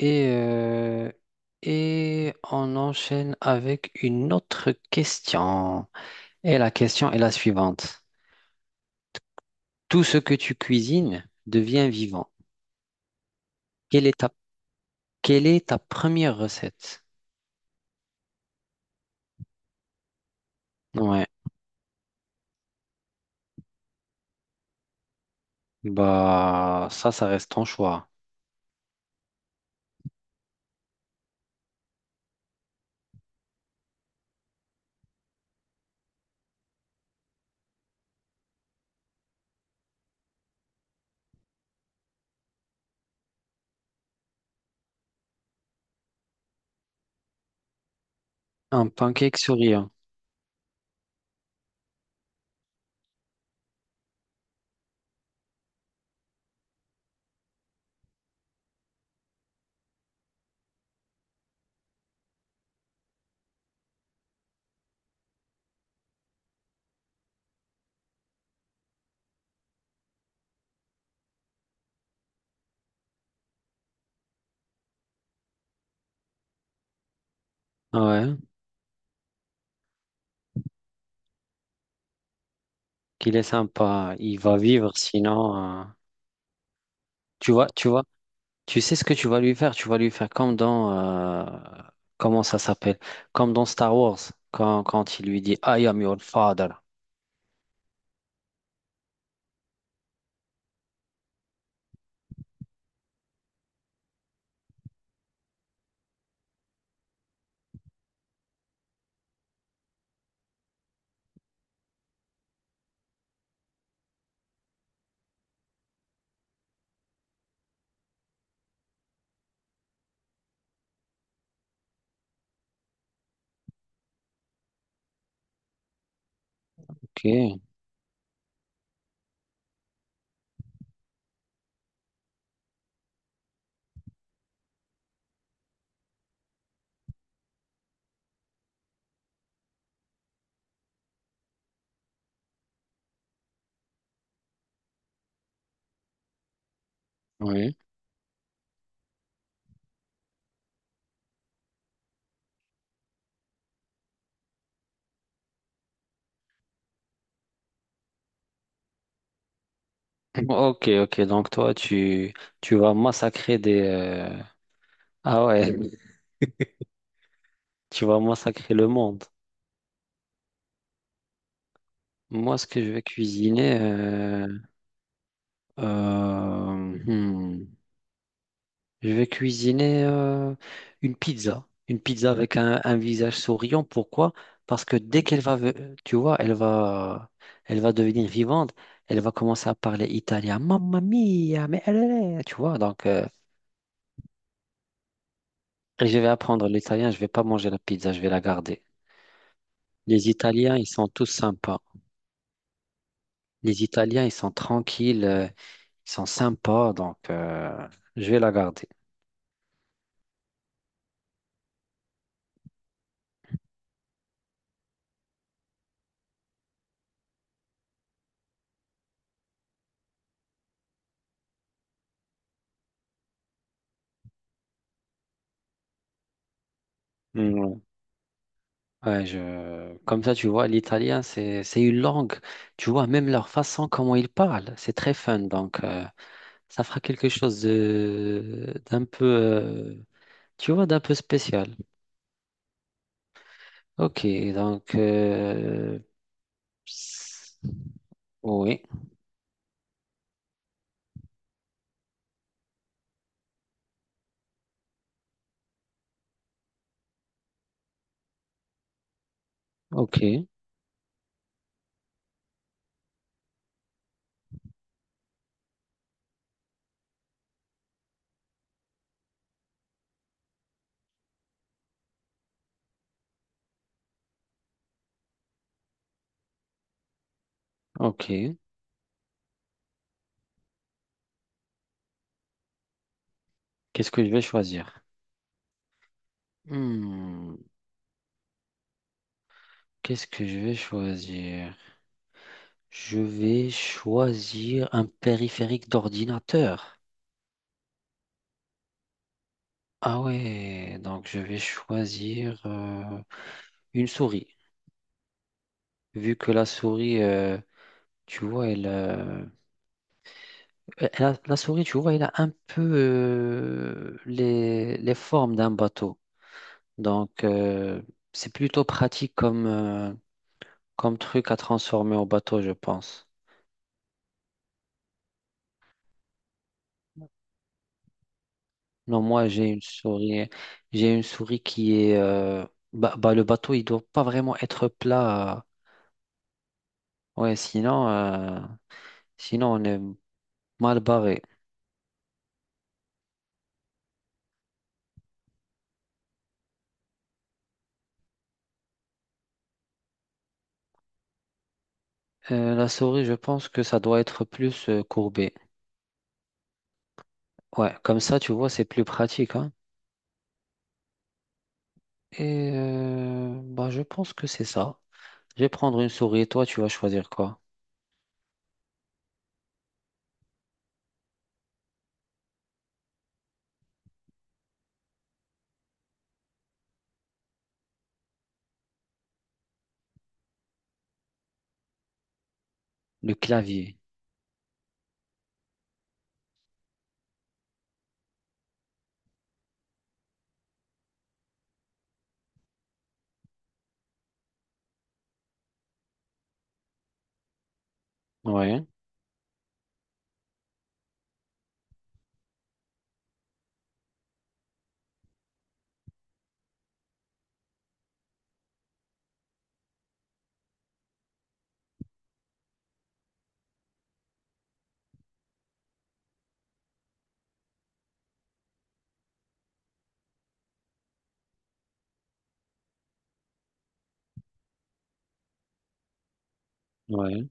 Et, euh, et on enchaîne avec une autre question. Et la question est la suivante. Tout ce que tu cuisines devient vivant. Quelle est ta, quelle est ta première recette? Ouais, bah ça reste ton choix. Un pancake souriant. Ouais. Qu'il est sympa, il va vivre, sinon, tu vois, tu sais ce que tu vas lui faire, tu vas lui faire comme dans, comment ça s'appelle, comme dans Star Wars, quand il lui dit, I am your father. Ok. Oui. Ok, ok, donc toi, tu vas massacrer des, ah ouais, tu vas massacrer le monde. Moi, ce que je vais cuisiner, euh, hmm, je vais cuisiner une pizza avec un visage souriant. Pourquoi? Parce que dès qu'elle va, ve- tu vois, elle va devenir vivante. Elle va commencer à parler italien. Mamma mia, mais elle est, tu vois. Et je vais apprendre l'italien. Je vais pas manger la pizza. Je vais la garder. Les Italiens, ils sont tous sympas. Les Italiens, ils sont tranquilles. Ils sont sympas. Donc, je vais la garder. Ouais, je... Comme ça, tu vois, l'italien, c'est une langue. Tu vois, même leur façon, comment ils parlent, c'est très fun. Donc, ça fera quelque chose de... d'un peu, tu vois, d'un peu spécial. Ok, donc, s- oui. Ok, ok. Qu'est-ce que je vais choisir? Hmm, qu'est-ce que je vais choisir? Je vais choisir un périphérique d'ordinateur. Ah ouais, donc je vais choisir une souris. Vu que la souris, tu vois, elle, euh, la souris, tu vois, elle a un peu les formes d'un bateau. Donc c'est plutôt pratique comme, comme truc à transformer au bateau, je pense. Non, moi j'ai une souris qui est, bah, le bateau, il doit pas vraiment être plat. Ouais, sinon, sinon on est mal barré. La souris, je pense que ça doit être plus courbé. Ouais, comme ça, tu vois, c'est plus pratique, hein. Et bah, je pense que c'est ça. Je vais prendre une souris et toi, tu vas choisir quoi? Le clavier. Ouais, ouais.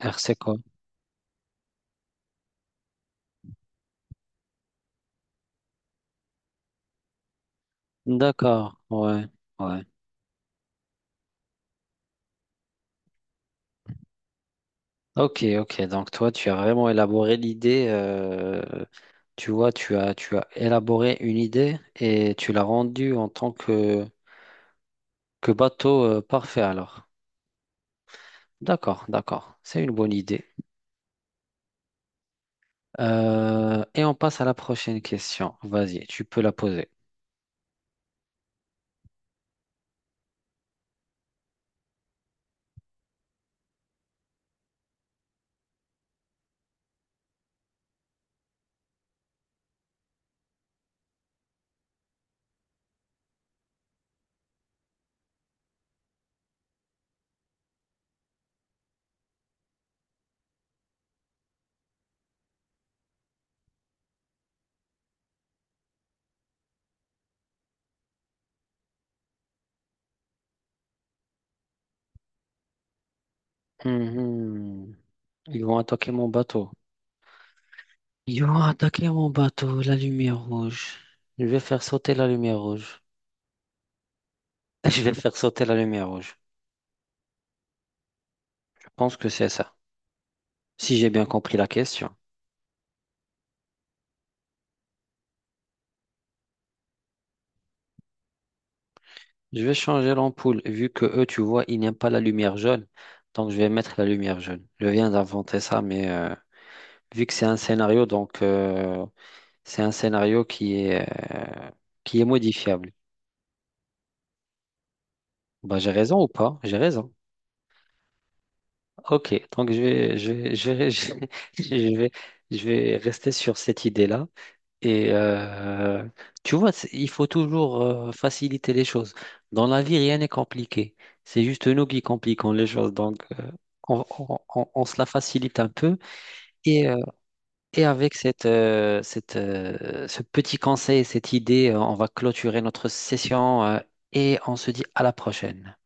R, c'est quoi? D'accord, ouais, ouais. Ok, ok. Donc toi, tu as vraiment élaboré l'idée. Tu vois, tu as élaboré une idée et tu l'as rendue en tant que bateau parfait alors. D'accord, d'accord. C'est une bonne idée. Et on passe à la prochaine question. Vas-y, tu peux la poser. Mhm. Ils vont attaquer mon bateau. Ils vont attaquer mon bateau, la lumière rouge. Je vais faire sauter la lumière rouge. Je vais faire sauter la lumière rouge. Je pense que c'est ça. Si j'ai bien compris la question. Je vais changer l'ampoule, vu que eux, tu vois, ils n'aiment pas la lumière jaune. Donc, je vais mettre la lumière jaune. Je viens d'inventer ça, mais vu que c'est un scénario, donc c'est un scénario qui est modifiable. Bah, j'ai raison ou pas? J'ai raison. Ok, donc je vais rester sur cette idée-là. Et tu vois, c'est- il faut toujours faciliter les choses. Dans la vie, rien n'est compliqué. C'est juste nous qui compliquons les choses. Donc, on se la facilite un peu. Et, et avec cette, cette, ce petit conseil, cette idée, on va clôturer notre session et on se dit à la prochaine.